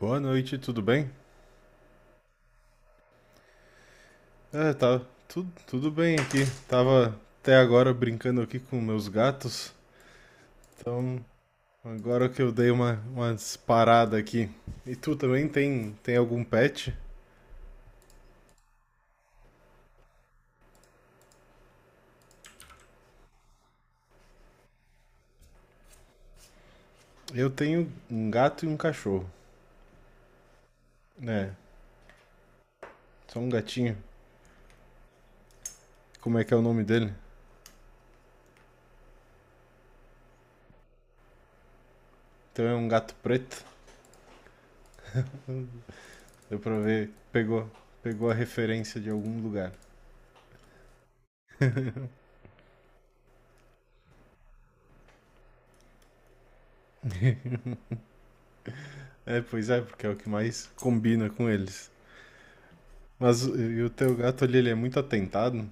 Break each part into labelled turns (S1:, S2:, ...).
S1: Boa noite, tudo bem? É, tá tudo bem aqui. Tava até agora brincando aqui com meus gatos. Então, agora que eu dei uma parada aqui. E tu também tem algum pet? Eu tenho um gato e um cachorro. É, só um gatinho. Como é que é o nome dele? Então é um gato preto. Deu pra ver, pegou a referência de algum lugar. É, pois é, porque é o que mais combina com eles. Mas e o teu gato ali, ele é muito atentado?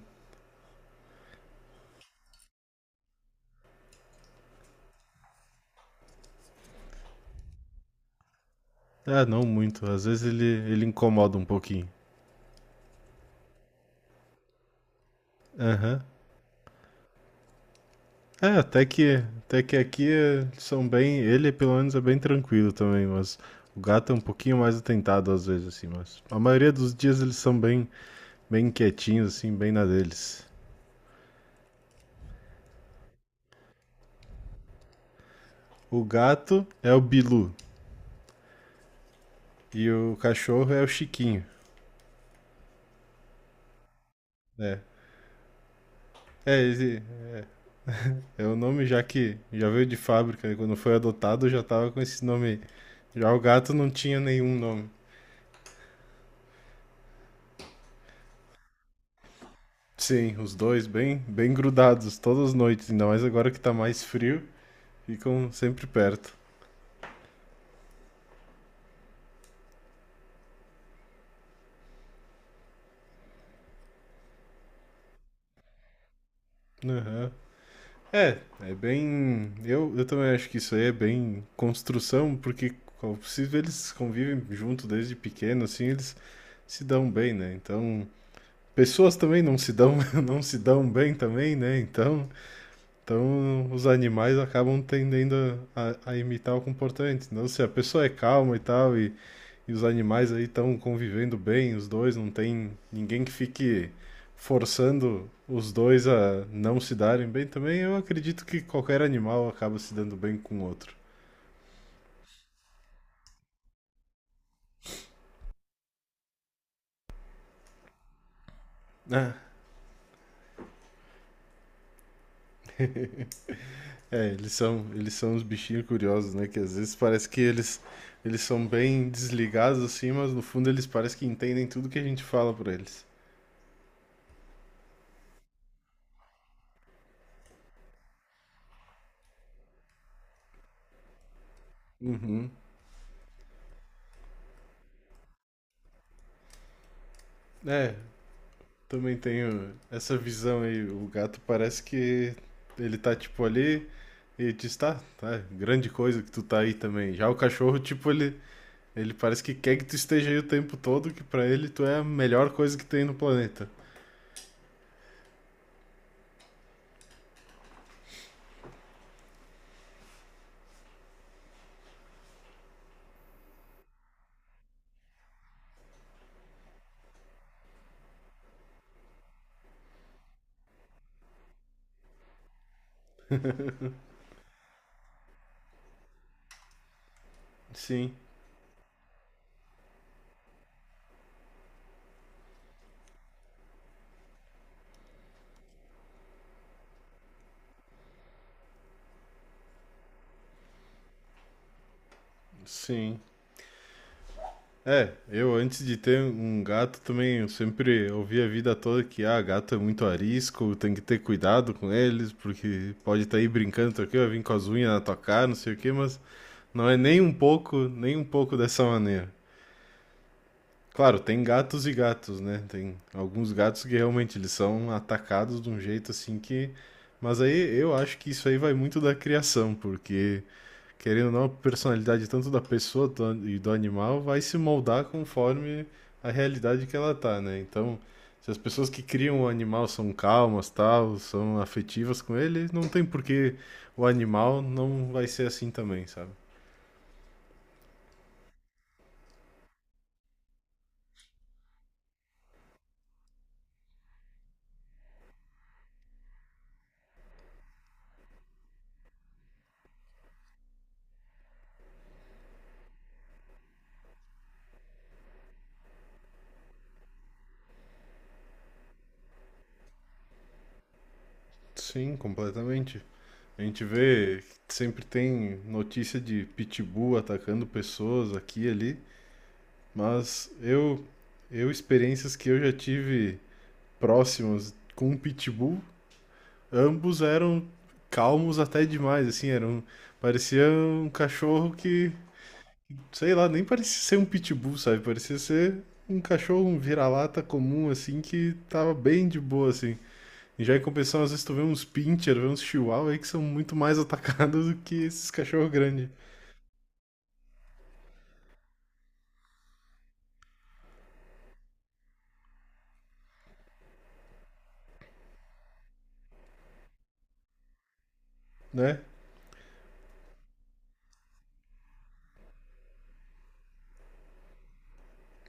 S1: Ah, não muito. Às vezes ele incomoda um pouquinho. Aham. É, até que aqui são bem. Ele, pelo menos, é bem tranquilo também, mas o gato é um pouquinho mais atentado às vezes, assim. Mas a maioria dos dias eles são bem quietinhos, assim, bem na deles. O gato é o Bilu e o cachorro é o Chiquinho. É. Esse é o nome já que já veio de fábrica, né? Quando foi adotado já tava com esse nome. Aí. Já o gato não tinha nenhum nome. Sim, os dois bem grudados todas as noites, ainda mais agora que tá mais frio, ficam sempre perto. Aham. É, é bem. Eu também acho que isso aí é bem construção, porque como é possível eles convivem junto desde pequeno, assim, eles se dão bem, né? Então, pessoas também não se dão, não se dão bem também, né? Então, os animais acabam tendendo a imitar o comportamento. Então, se a pessoa é calma e tal, e os animais aí estão convivendo bem, os dois, não tem ninguém que fique forçando os dois a não se darem bem também, eu acredito que qualquer animal acaba se dando bem com o outro. Ah, é, eles são os bichinhos curiosos, né? Que às vezes parece que eles são bem desligados assim, mas no fundo eles parecem que entendem tudo que a gente fala pra eles. Uhum. É, também tenho essa visão aí. O gato parece que ele tá tipo ali e diz, tá, tá, grande coisa que tu tá aí também. Já o cachorro, ele parece que quer que tu esteja aí o tempo todo, que pra ele tu é a melhor coisa que tem no planeta. Sim, sim. É, eu antes de ter um gato também, eu sempre ouvi a vida toda que, ah, gato é muito arisco, tem que ter cuidado com eles, porque pode estar aí brincando, tá aqui, vai vir com as unhas na tua cara, não sei o quê, mas não é nem um pouco, nem um pouco dessa maneira. Claro, tem gatos e gatos, né? Tem alguns gatos que realmente eles são atacados de um jeito assim que. Mas aí eu acho que isso aí vai muito da criação, porque querendo ou não, a personalidade tanto da pessoa do- e do animal vai se moldar conforme a realidade que ela tá, né? Então, se as pessoas que criam o animal são calmas, tal, são afetivas com ele, não tem por que o animal não vai ser assim também, sabe? Sim, completamente. A gente vê que sempre tem notícia de pitbull atacando pessoas aqui e ali, mas eu experiências que eu já tive próximas com um pitbull, ambos eram calmos até demais, assim, eram parecia um cachorro que, sei lá, nem parecia ser um pitbull, sabe? Parecia ser um cachorro, um vira-lata comum assim que tava bem de boa assim. E já em compensação, às vezes tu vê uns pincher, vê uns chihuahua aí que são muito mais atacados do que esses cachorros grandes, né?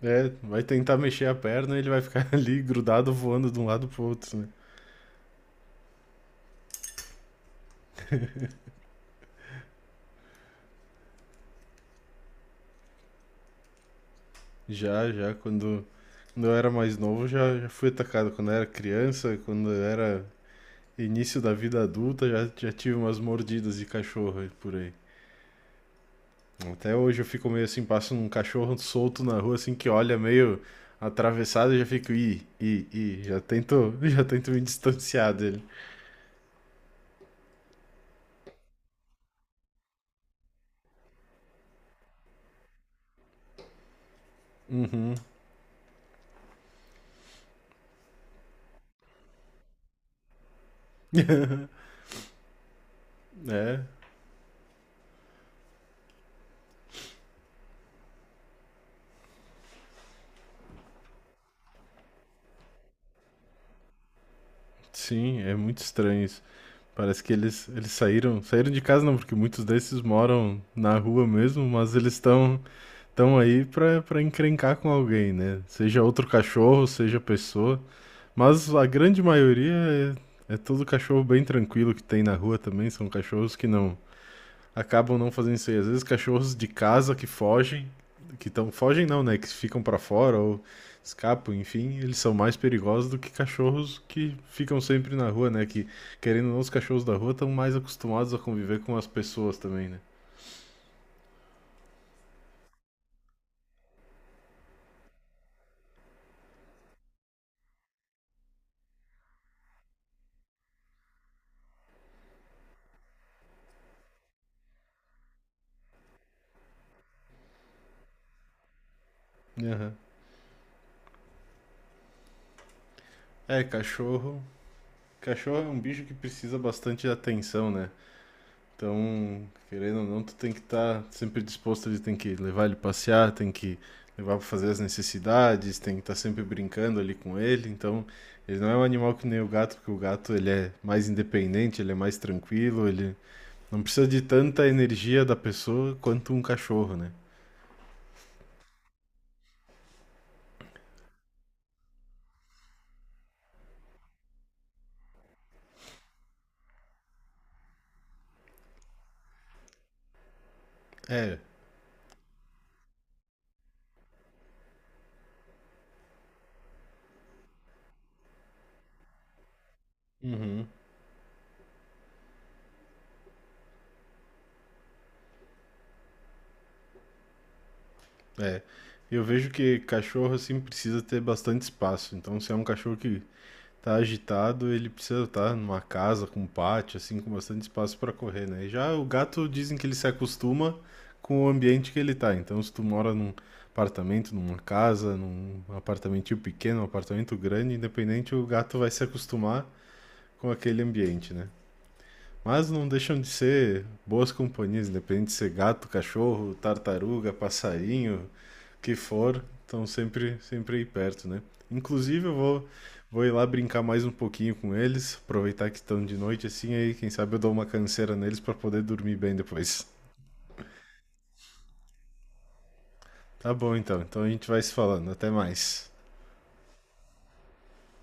S1: É, vai tentar mexer a perna e ele vai ficar ali grudado voando de um lado pro outro, né? Já, já, quando, quando eu era mais novo, já fui atacado. Quando eu era criança, quando eu era início da vida adulta, já tive umas mordidas de cachorro por aí. Até hoje eu fico meio assim, passo um cachorro solto na rua, assim, que olha meio atravessado, eu já fico, já tento, já tento me distanciar dele. É, sim, é muito estranho isso. Parece que eles saíram de casa não, porque muitos desses moram na rua mesmo, mas eles estão tão aí pra encrencar com alguém, né? Seja outro cachorro, seja pessoa. Mas a grande maioria é todo cachorro bem tranquilo que tem na rua também, são cachorros que não, acabam não fazendo isso aí. Às vezes cachorros de casa que fogem, que tão, fogem não, né, que ficam pra fora ou escapam, enfim, eles são mais perigosos do que cachorros que ficam sempre na rua, né, que querendo ou não, os cachorros da rua estão mais acostumados a conviver com as pessoas também, né. Aham. É, cachorro... Cachorro é um bicho que precisa bastante de atenção, né? Então, querendo ou não, tu tem que estar sempre disposto, ele tem que levar ele passear, tem que levar para fazer as necessidades, tem que estar sempre brincando ali com ele. Então, ele não é um animal que nem o gato, porque o gato ele é mais independente, ele é mais tranquilo, ele não precisa de tanta energia da pessoa quanto um cachorro, né? É. Uhum. É. Eu vejo que cachorro assim precisa ter bastante espaço. Então, se é um cachorro que tá agitado, ele precisa estar numa casa com um pátio, assim, com bastante espaço para correr, né? E já o gato dizem que ele se acostuma com o ambiente que ele tá. Então, se tu mora num apartamento, numa casa, num apartamentinho pequeno, um apartamento grande, independente, o gato vai se acostumar com aquele ambiente, né? Mas não deixam de ser boas companhias, independente de ser gato, cachorro, tartaruga, passarinho, que for, estão sempre aí perto, né? Inclusive, vou ir lá brincar mais um pouquinho com eles, aproveitar que estão de noite assim, aí quem sabe eu dou uma canseira neles para poder dormir bem depois. Tá bom então, então a gente vai se falando, até mais.